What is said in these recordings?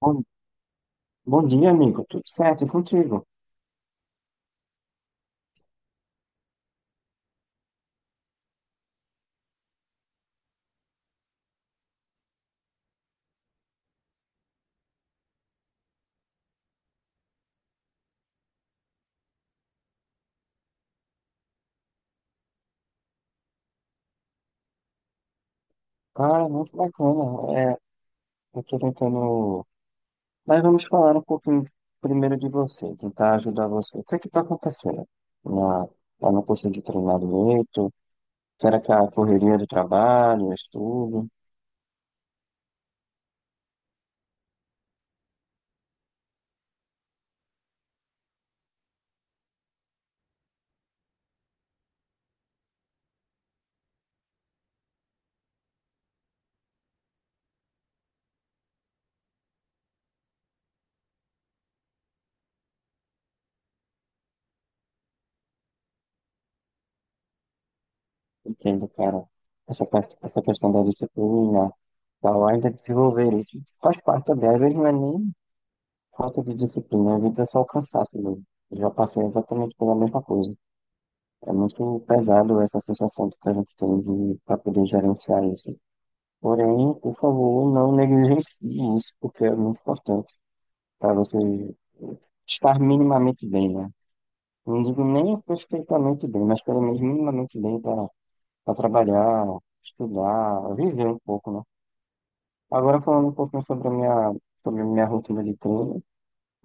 Bom, bom dia, amigo. Tudo certo e contigo? Cara, muito bacana. Eu tô tentando. Mas vamos falar um pouquinho primeiro de você, tentar ajudar você. O que é que tá acontecendo? Na, eu não consegui treinar direito? Será que é a correria do trabalho, estudo? Entendo, cara. Essa questão da disciplina, tal, ainda desenvolver isso faz parte também. Às vezes não é nem falta de disciplina, às vezes é só o cansaço mesmo. Eu já passei exatamente pela mesma coisa. É muito pesado essa sensação que a gente tem de para poder gerenciar isso. Porém, por favor, não negligencie isso, porque é muito importante para você estar minimamente bem, né? Não digo nem perfeitamente bem, mas pelo menos minimamente bem para trabalhar, estudar, viver um pouco, né? Agora falando um pouquinho sobre a minha rotina de treino,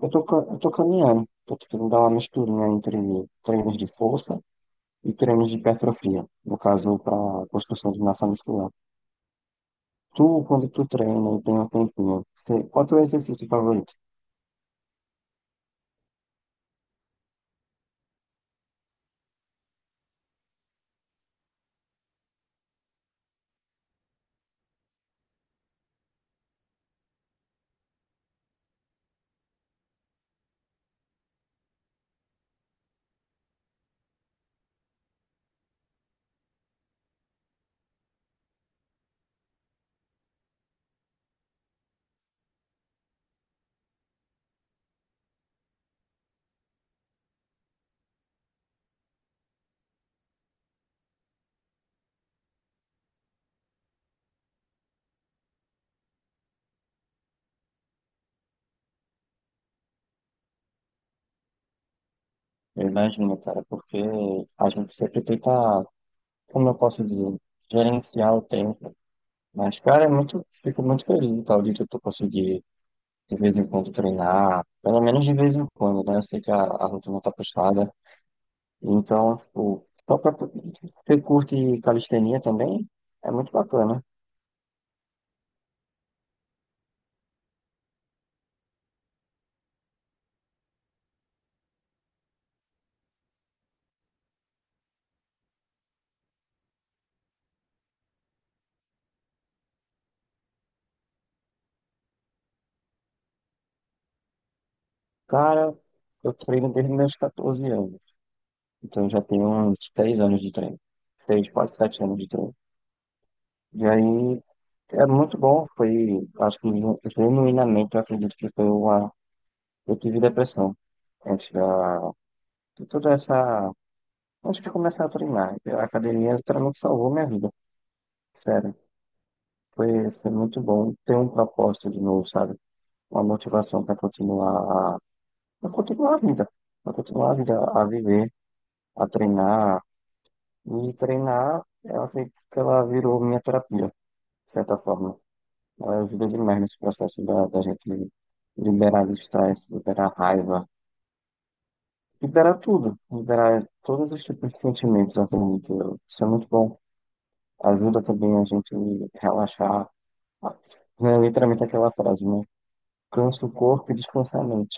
eu tô caminhando, tô tentando dar uma misturinha entre treinos de força e treinos de hipertrofia, no caso, para construção de massa muscular. Tu, quando tu treina e tem um tempinho, você, qual é o teu exercício favorito? Eu imagino, cara, porque a gente sempre tenta, como eu posso dizer, gerenciar o tempo. Mas, cara, fico muito feliz do tal de tu conseguir, de vez em quando, treinar, pelo menos de vez em quando, né? Eu sei que a rotina tá puxada, então, tipo, você curte calistenia também? É muito bacana. Cara, eu treino desde meus 14 anos. Então eu já tenho uns 3 anos de treino. 3, quase 7 anos de treino. E aí é muito bom. Acho que genuinamente eu acredito que foi uma. Eu tive depressão antes da. De toda essa. Antes de começar a treinar. A academia literalmente salvou minha vida. Sério. Foi muito bom ter um propósito de novo, sabe? Uma motivação para continuar. Para continuar a vida. Para continuar a vida, a viver, a treinar. E treinar, que ela virou minha terapia, de certa forma. Ela ajuda demais nesse processo da, gente liberar o estresse, liberar a raiva, liberar tudo, liberar todos os tipos de sentimentos, eu acredito. Eu. Isso é muito bom. Ajuda também a gente relaxar. É literalmente aquela frase, né? Cansa o corpo e descansa a mente.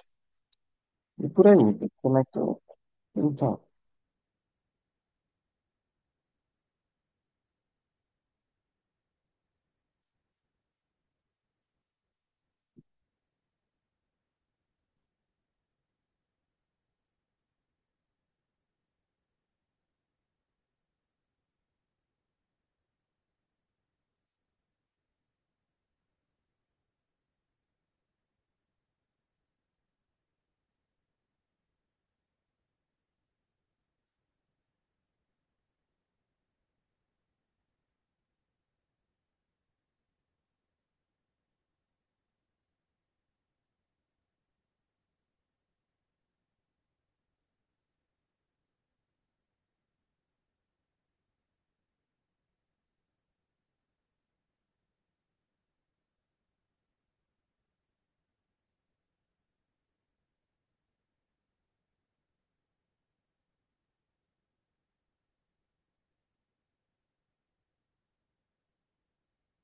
E por aí, como é que tu. Então,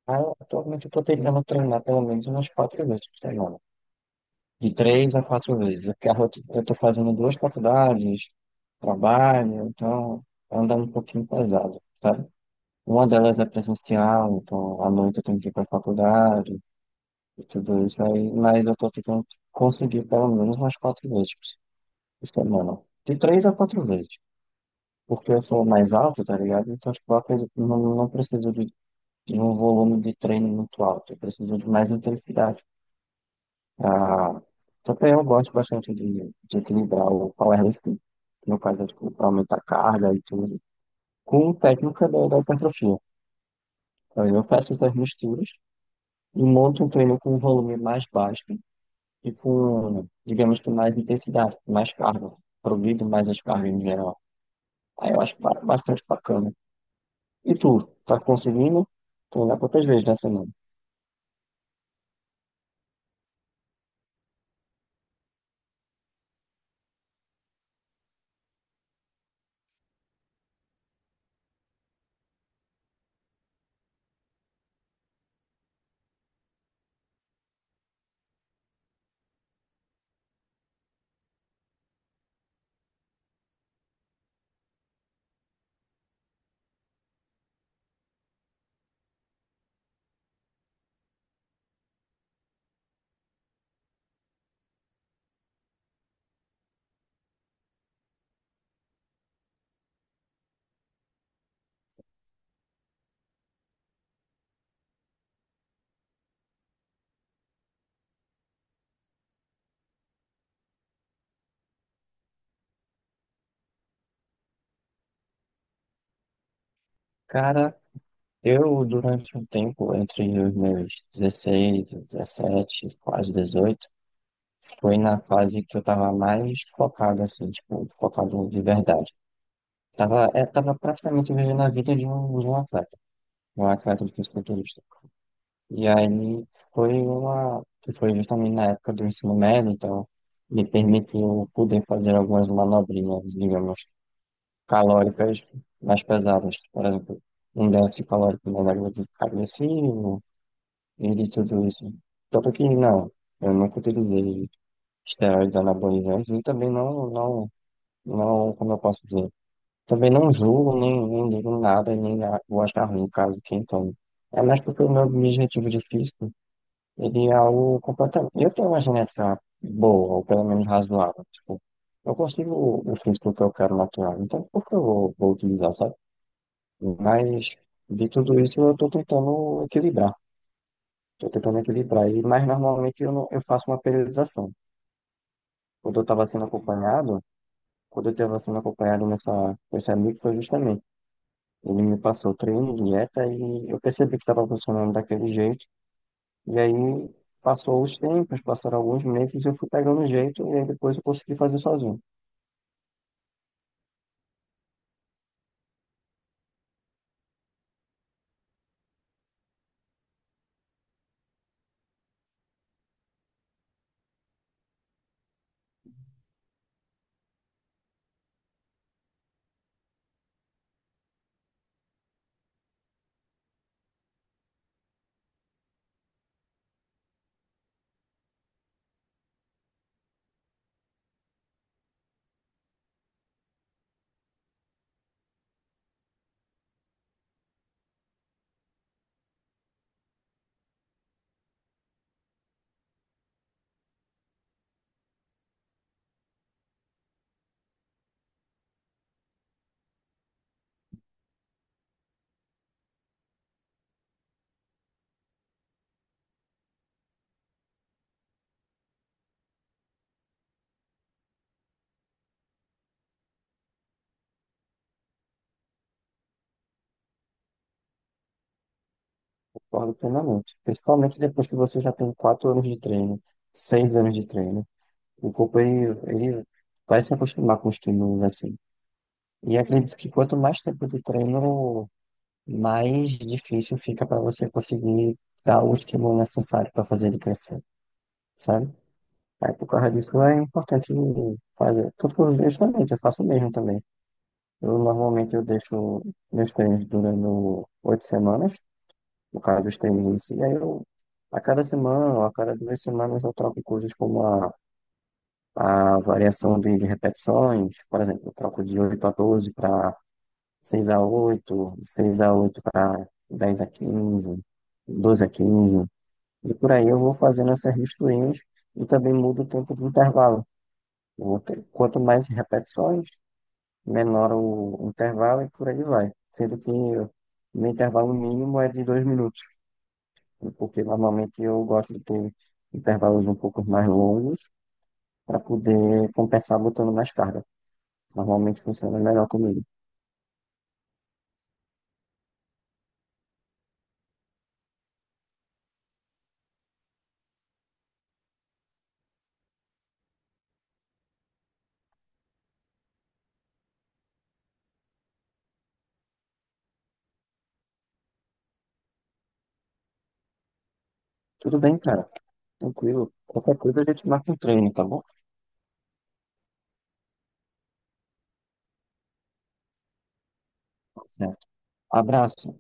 aí, atualmente eu tô tentando treinar pelo menos umas 4 vezes por semana. De 3 a 4 vezes, porque eu estou fazendo duas faculdades, trabalho, então anda um pouquinho pesado, sabe? Uma delas é presencial, então à noite eu tenho que ir para a faculdade e tudo isso aí, mas eu estou tentando conseguir pelo menos umas quatro vezes por semana. De três a quatro vezes, porque eu sou mais alto, tá ligado? Então, tipo, eu acredito que não preciso de um volume de treino muito alto, eu preciso de mais intensidade. Ah, também eu gosto bastante de equilibrar o powerlifting, no caso, tipo, pra aumentar a carga e tudo, com técnica da, hipertrofia. Então, eu faço essas misturas e monto um treino com um volume mais baixo e com, digamos que, mais intensidade, mais carga, progrido mais as cargas em geral. Aí eu acho bastante bacana. E tu, tá conseguindo treinar quantas vezes na semana? Cara, eu durante um tempo, entre os meus 16, 17, quase 18. Foi na fase que eu tava mais focado, assim, tipo, focado de verdade. Tava praticamente vivendo a vida de um atleta, um atleta de fisiculturista. E aí foi uma, que foi justamente na época do ensino médio, então me permitiu poder fazer algumas manobrinhas, digamos, calóricas mais pesadas. Por exemplo, um déficit calórico mais agressivo e de tudo isso. Tanto que não, eu nunca utilizei esteroides anabolizantes e também não, como eu posso dizer, também não julgo, nem digo nada, nem a- vou achar ruim caso quem tome. É mais porque o meu objetivo de físico, ele é algo completamente. Eu tenho uma genética boa, ou pelo menos razoável, tipo, eu consigo o físico que eu quero natural, então por que eu vou utilizar, sabe? Mas de tudo isso eu estou tentando equilibrar, mas normalmente eu, não, eu faço uma periodização. Quando eu estava sendo acompanhado, quando eu estava sendo acompanhado nessa, com esse amigo, foi justamente. Ele me passou treino, dieta, e eu percebi que estava funcionando daquele jeito. E aí passou os tempos, passaram alguns meses, e eu fui pegando o jeito, e aí depois eu consegui fazer sozinho. Concordo plenamente. Principalmente depois que você já tem 4 anos de treino, 6 anos de treino. O corpo, ele vai se acostumar com os estímulos assim. E acredito que quanto mais tempo de treino, mais difícil fica para você conseguir dar o estímulo necessário para fazer ele crescer, sabe? Aí por causa disso é importante fazer. Tudo que eu justamente, eu faço mesmo também. Eu normalmente eu deixo meus treinos durando 8 semanas, no caso os treinos em si, aí eu a cada semana ou a cada 2 semanas eu troco coisas a variação de repetições. Por exemplo, eu troco de 8 a 12 para 6 a 8, 6 a 8 para 10 a 15, 12 a 15, e por aí eu vou fazendo essas misturinhas e também mudo o tempo de intervalo. Quanto mais repetições, menor o intervalo e por aí vai. Sendo que o meu intervalo mínimo é de 2 minutos, porque normalmente eu gosto de ter intervalos um pouco mais longos para poder compensar botando mais carga. Normalmente funciona melhor comigo. Tudo bem, cara. Tranquilo. Qualquer coisa a gente marca um treino, tá bom? Certo. Abraço.